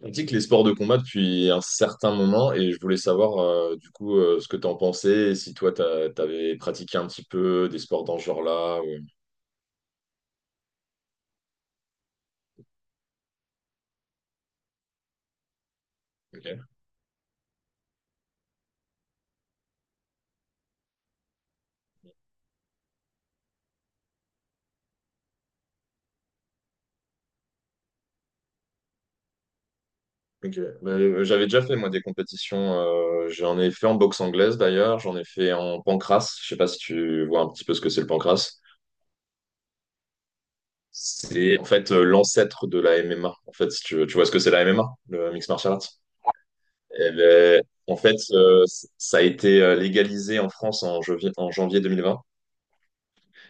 Pratique les sports de combat depuis un certain moment et je voulais savoir du coup ce que t'en pensais et si toi t'avais pratiqué un petit peu des sports dans ce genre-là. Ok. Ok. Bah, j'avais déjà fait moi des compétitions. J'en ai fait en boxe anglaise d'ailleurs. J'en ai fait en pancrace. Je sais pas si tu vois un petit peu ce que c'est le pancrace. C'est en fait l'ancêtre de la MMA. En fait, si tu veux- tu vois ce que c'est la MMA, le mixed martial arts. Eh ben, en fait, ça a été légalisé en France en janvier 2020.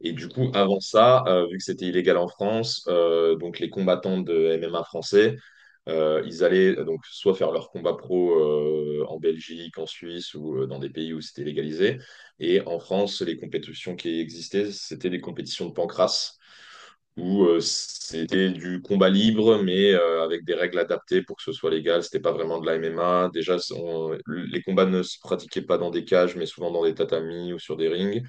Et du coup, avant ça, vu que c'était illégal en France, donc les combattants de MMA français, ils allaient donc soit faire leur combat pro en Belgique, en Suisse ou dans des pays où c'était légalisé. Et en France, les compétitions qui existaient, c'était des compétitions de pancrace où c'était du combat libre, mais avec des règles adaptées pour que ce soit légal. C'était pas vraiment de la MMA. Déjà, les combats ne se pratiquaient pas dans des cages, mais souvent dans des tatamis ou sur des rings.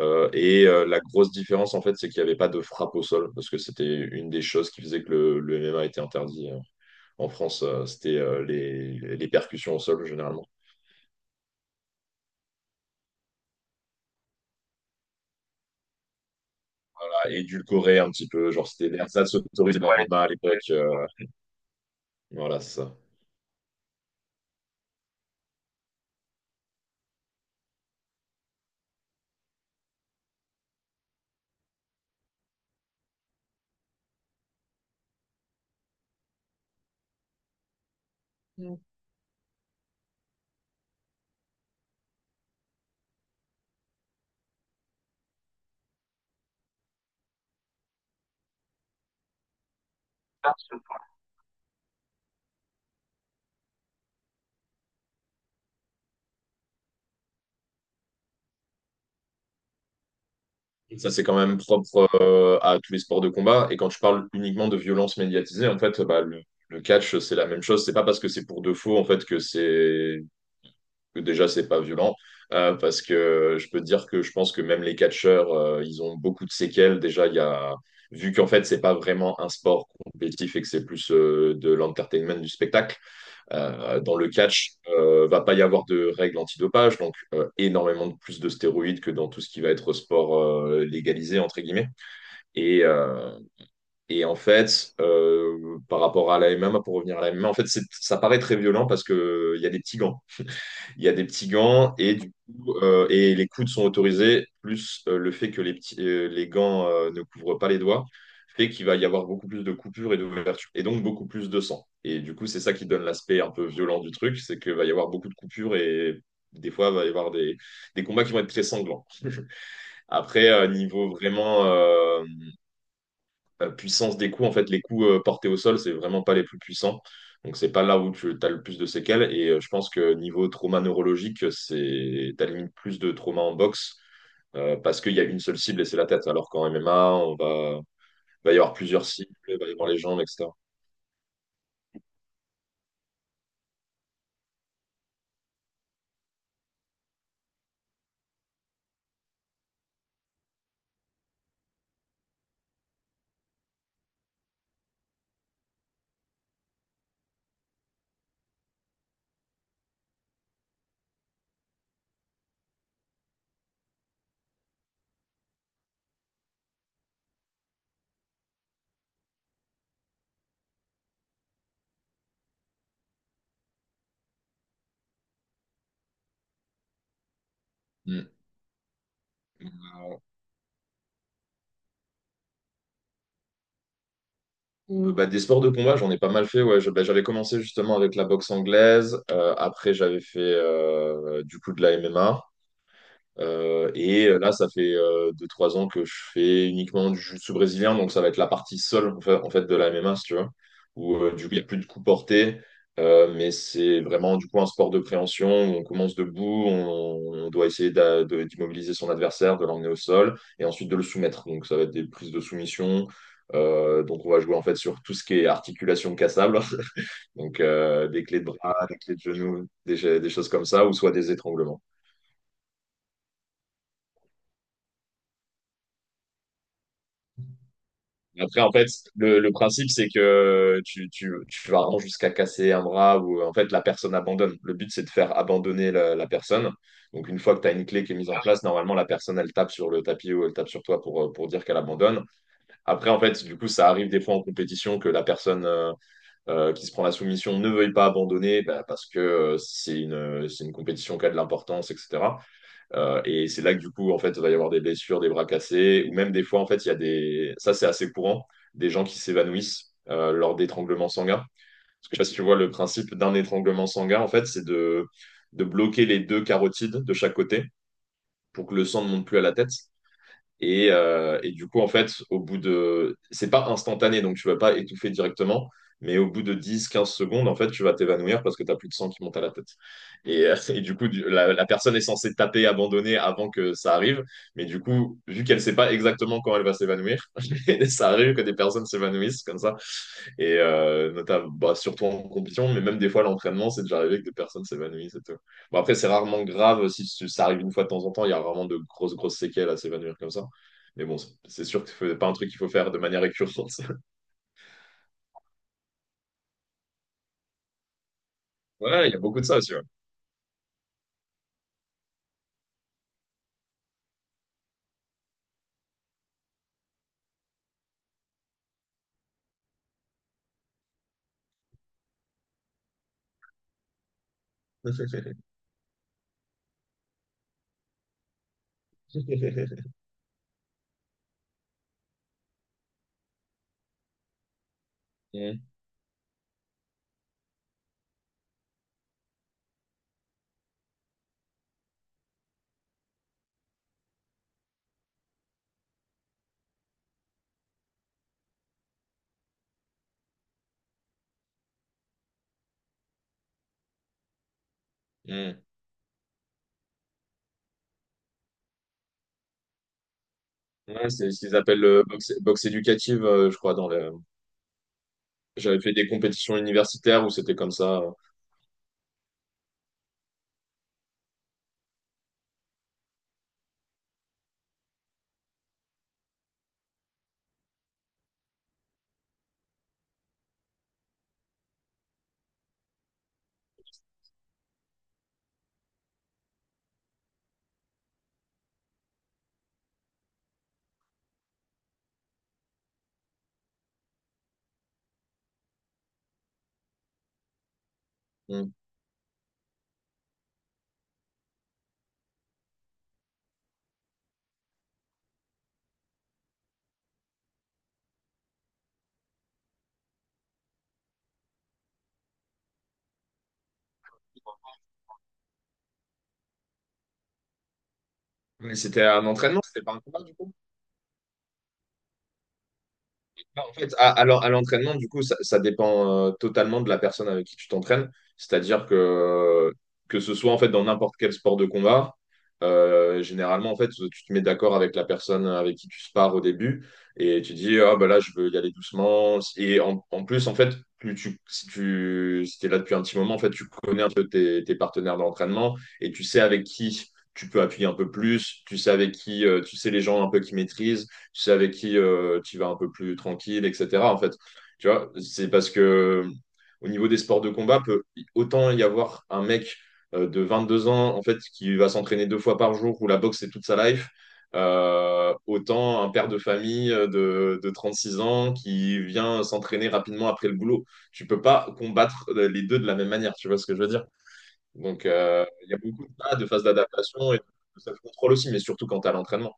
La grosse différence, en fait, c'est qu'il n'y avait pas de frappe au sol, parce que c'était une des choses qui faisait que le MMA était interdit en France. C'était les percussions au sol, généralement. Bah, édulcoré un petit peu, genre c'était l'ersatz autorisé dans le MMA à l'époque. Voilà, c'est ça. Et ça, c'est quand même propre à tous les sports de combat. Et quand je parle uniquement de violence médiatisée, en fait, bah, le catch, c'est la même chose. C'est pas parce que c'est pour de faux, en fait, que c'est que déjà, c'est pas violent. Parce que je peux te dire que je pense que même les catcheurs, ils ont beaucoup de séquelles. Déjà, il y a, vu qu'en fait, c'est pas vraiment un sport compétitif et que c'est plus de l'entertainment du spectacle, dans le catch, va pas y avoir de règles antidopage, donc énormément de plus de stéroïdes que dans tout ce qui va être sport légalisé, entre guillemets. Et, en fait, par rapport à la MMA, pour revenir à la MMA, en fait, ça paraît très violent parce que il y a des petits gants. Il y a des petits gants et du coup, et les coudes sont autorisés, plus le fait que les gants ne couvrent pas les doigts, fait qu'il va y avoir beaucoup plus de coupures et d'ouvertures, et donc beaucoup plus de sang. Et du coup, c'est ça qui donne l'aspect un peu violent du truc, c'est qu'il va y avoir beaucoup de coupures et des fois, il va y avoir des combats qui vont être très sanglants. Après, niveau vraiment puissance des coups, en fait, les coups portés au sol, c'est vraiment pas les plus puissants. Donc, c'est pas là où tu as le plus de séquelles. Et je pense que niveau trauma neurologique, c'est t'as limite plus de trauma en boxe parce qu'il y a une seule cible et c'est la tête. Alors qu'en MMA, il va y avoir plusieurs cibles, il va y avoir les jambes, etc. Mm. Euh, bah, des sports de combat, j'en ai pas mal fait. Ouais. Bah, j'avais commencé justement avec la boxe anglaise. Après, j'avais fait du coup de la MMA. Et là, ça fait 2-3 ans que je fais uniquement du jiu-jitsu brésilien, donc ça va être la partie seule en fait, de la MMA, si tu vois. Où du coup, il n'y a plus de coups portés, mais c'est vraiment du coup un sport de préhension où on commence debout, on doit essayer d'immobiliser son adversaire, de l'emmener au sol et ensuite de le soumettre. Donc ça va être des prises de soumission. Donc on va jouer en fait sur tout ce qui est articulation cassable, donc des clés de bras, des clés de genoux, des choses comme ça, ou soit des étranglements. Après, en fait, le principe, c'est que tu vas vraiment jusqu'à casser un bras ou en fait la personne abandonne. Le but, c'est de faire abandonner la personne. Donc, une fois que tu as une clé qui est mise en place, normalement, la personne, elle tape sur le tapis ou elle tape sur toi pour dire qu'elle abandonne. Après, en fait, du coup, ça arrive des fois en compétition que la personne qui se prend la soumission ne veuille pas abandonner bah, parce que c'est une compétition qui a de l'importance, etc. C'est là que du coup, en fait, il va y avoir des blessures, des bras cassés, ou même des fois, en fait, il y a des. Ça, c'est assez courant, des gens qui s'évanouissent lors d'étranglements sanguins. Parce que je sais pas si tu vois le principe d'un étranglement sanguin, en fait, c'est de bloquer les deux carotides de chaque côté pour que le sang ne monte plus à la tête. Et du coup, en fait, c'est pas instantané, donc tu vas pas étouffer directement, mais au bout de 10, 15 secondes, en fait, tu vas t'évanouir parce que tu plus de sang qui monte à la tête. Et, et du coup, la personne est censée taper, abandonner avant que ça arrive, mais du coup, vu qu'elle sait pas exactement quand elle va s'évanouir, ça arrive que des personnes s'évanouissent comme ça. Et notamment, bah, surtout en compétition, mais même des fois, l'entraînement, c'est déjà arrivé que des personnes s'évanouissent et tout. Bon, après, c'est rarement grave. Si ça arrive une fois de temps en temps, il y a rarement de grosses, grosses séquelles à s'évanouir comme ça. Mais bon, c'est sûr que c'est pas un truc qu'il faut faire de manière récurrente. Ouais, il y a beaucoup de ça aussi. Ouais. Mm, mm. Ouais, c'est ce qu'ils appellent le boxe éducative, je crois, dans le. J'avais fait des compétitions universitaires où c'était comme ça. Mm. Mais c'était un entraînement, c'était pas un combat du coup. Bah, en fait, à l'entraînement, du coup, ça dépend totalement de la personne avec qui tu t'entraînes. C'est-à-dire que ce soit en fait dans n'importe quel sport de combat, généralement en fait, tu te mets d'accord avec la personne avec qui tu spares au début et tu dis ah bah là je veux y aller doucement. Et en plus en fait, plus tu si t'es là depuis un petit moment en fait, tu connais un peu tes partenaires d'entraînement et tu sais avec qui tu peux appuyer un peu plus, tu sais avec qui tu sais les gens un peu qui maîtrisent c'est avec qui tu vas un peu plus tranquille, etc. En fait, tu vois, c'est parce que au niveau des sports de combat, peut autant y avoir un mec de 22 ans en fait qui va s'entraîner deux fois par jour où la boxe c'est toute sa life. Autant un père de famille de 36 ans qui vient s'entraîner rapidement après le boulot. Tu peux pas combattre les deux de la même manière, tu vois ce que je veux dire? Donc, il y a beaucoup de phases d'adaptation et de self-control aussi, mais surtout quand tu à l'entraînement.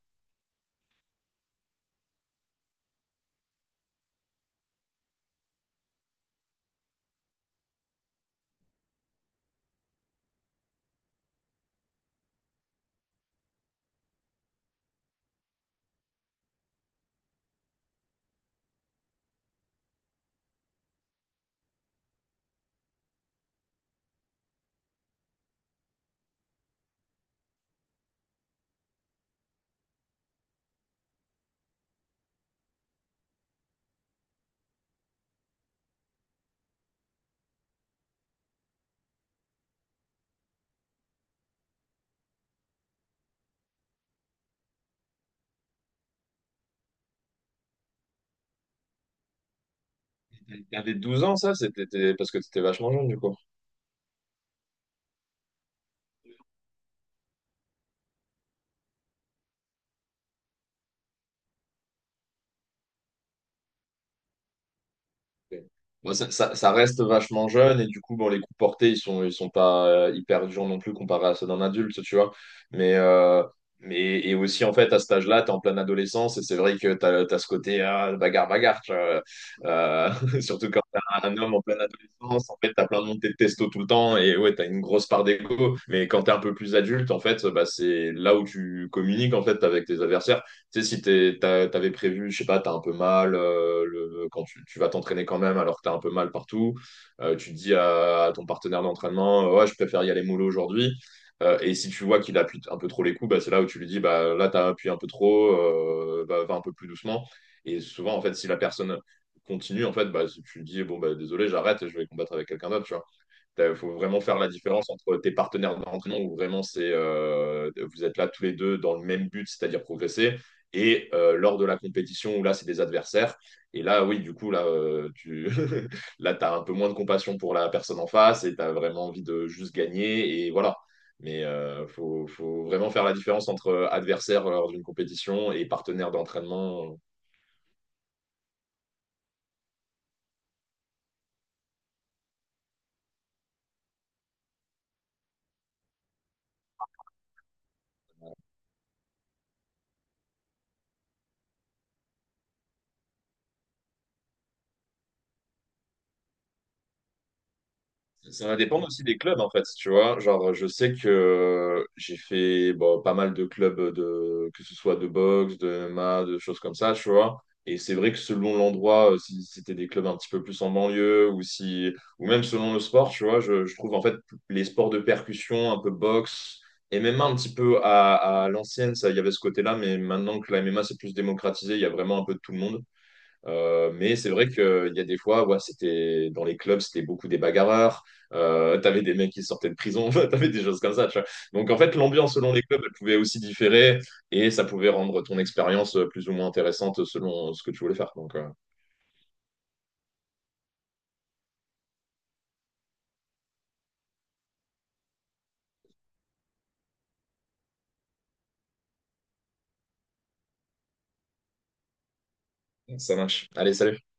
T'avais 12 ans, ça, c'était parce que t'étais vachement jeune, du coup. Ok. Bon, ça, ça reste vachement jeune, et du coup, bon, les coups portés, ils sont pas hyper durs non plus comparé à ceux d'un adulte, tu vois. Mais, et aussi, en fait, à cet âge-là, t'es en pleine adolescence, et c'est vrai que t'as ce côté ah, bagarre, bagarre, tu vois. Euh, surtout quand t'es un homme en pleine adolescence, en fait, t'as plein de montées de testo tout le temps, et ouais, t'as une grosse part d'ego. Mais quand t'es un peu plus adulte, en fait, bah, c'est là où tu communiques, en fait, avec tes adversaires. Tu sais, si t'avais prévu, je sais pas, t'as un peu mal, quand tu vas t'entraîner quand même alors que t'as un peu mal partout, tu dis à ton partenaire d'entraînement, ouais, je préfère y aller mollo aujourd'hui. Et si tu vois qu'il appuie un peu trop les coups, bah, c'est là où tu lui dis, bah, là, t'as appuyé un peu trop, bah, va un peu plus doucement. Et souvent, en fait, si la personne continue, en fait, bah, tu lui dis, bon, bah, désolé, j'arrête, je vais combattre avec quelqu'un d'autre, tu vois. Il faut vraiment faire la différence entre tes partenaires d'entraînement où vraiment c'est, vous êtes là tous les deux dans le même but, c'est-à-dire progresser, et lors de la compétition où là c'est des adversaires. Et là, oui, du coup, là, tu là, t'as un peu moins de compassion pour la personne en face et tu as vraiment envie de juste gagner. Et voilà. Mais il faut, vraiment faire la différence entre adversaire lors d'une compétition et partenaire d'entraînement. Ça va dépendre aussi des clubs, en fait, tu vois. Genre, je sais que j'ai fait bon, pas mal de clubs, de, que ce soit de boxe, de MMA, de choses comme ça, tu vois. Et c'est vrai que selon l'endroit, si c'était des clubs un petit peu plus en banlieue, ou si, ou même selon le sport, tu vois, je trouve en fait les sports de percussion, un peu boxe, et même un petit peu à l'ancienne, ça, il y avait ce côté-là, mais maintenant que la MMA c'est plus démocratisé, il y a vraiment un peu de tout le monde. Mais c'est vrai qu'il y a des fois, ouais, c'était dans les clubs, c'était beaucoup des bagarreurs. T'avais des mecs qui sortaient de prison, t'avais des choses comme ça, tu vois. Donc en fait, l'ambiance selon les clubs, elle pouvait aussi différer et ça pouvait rendre ton expérience plus ou moins intéressante selon ce que tu voulais faire. Donc ça marche. Allez, salut.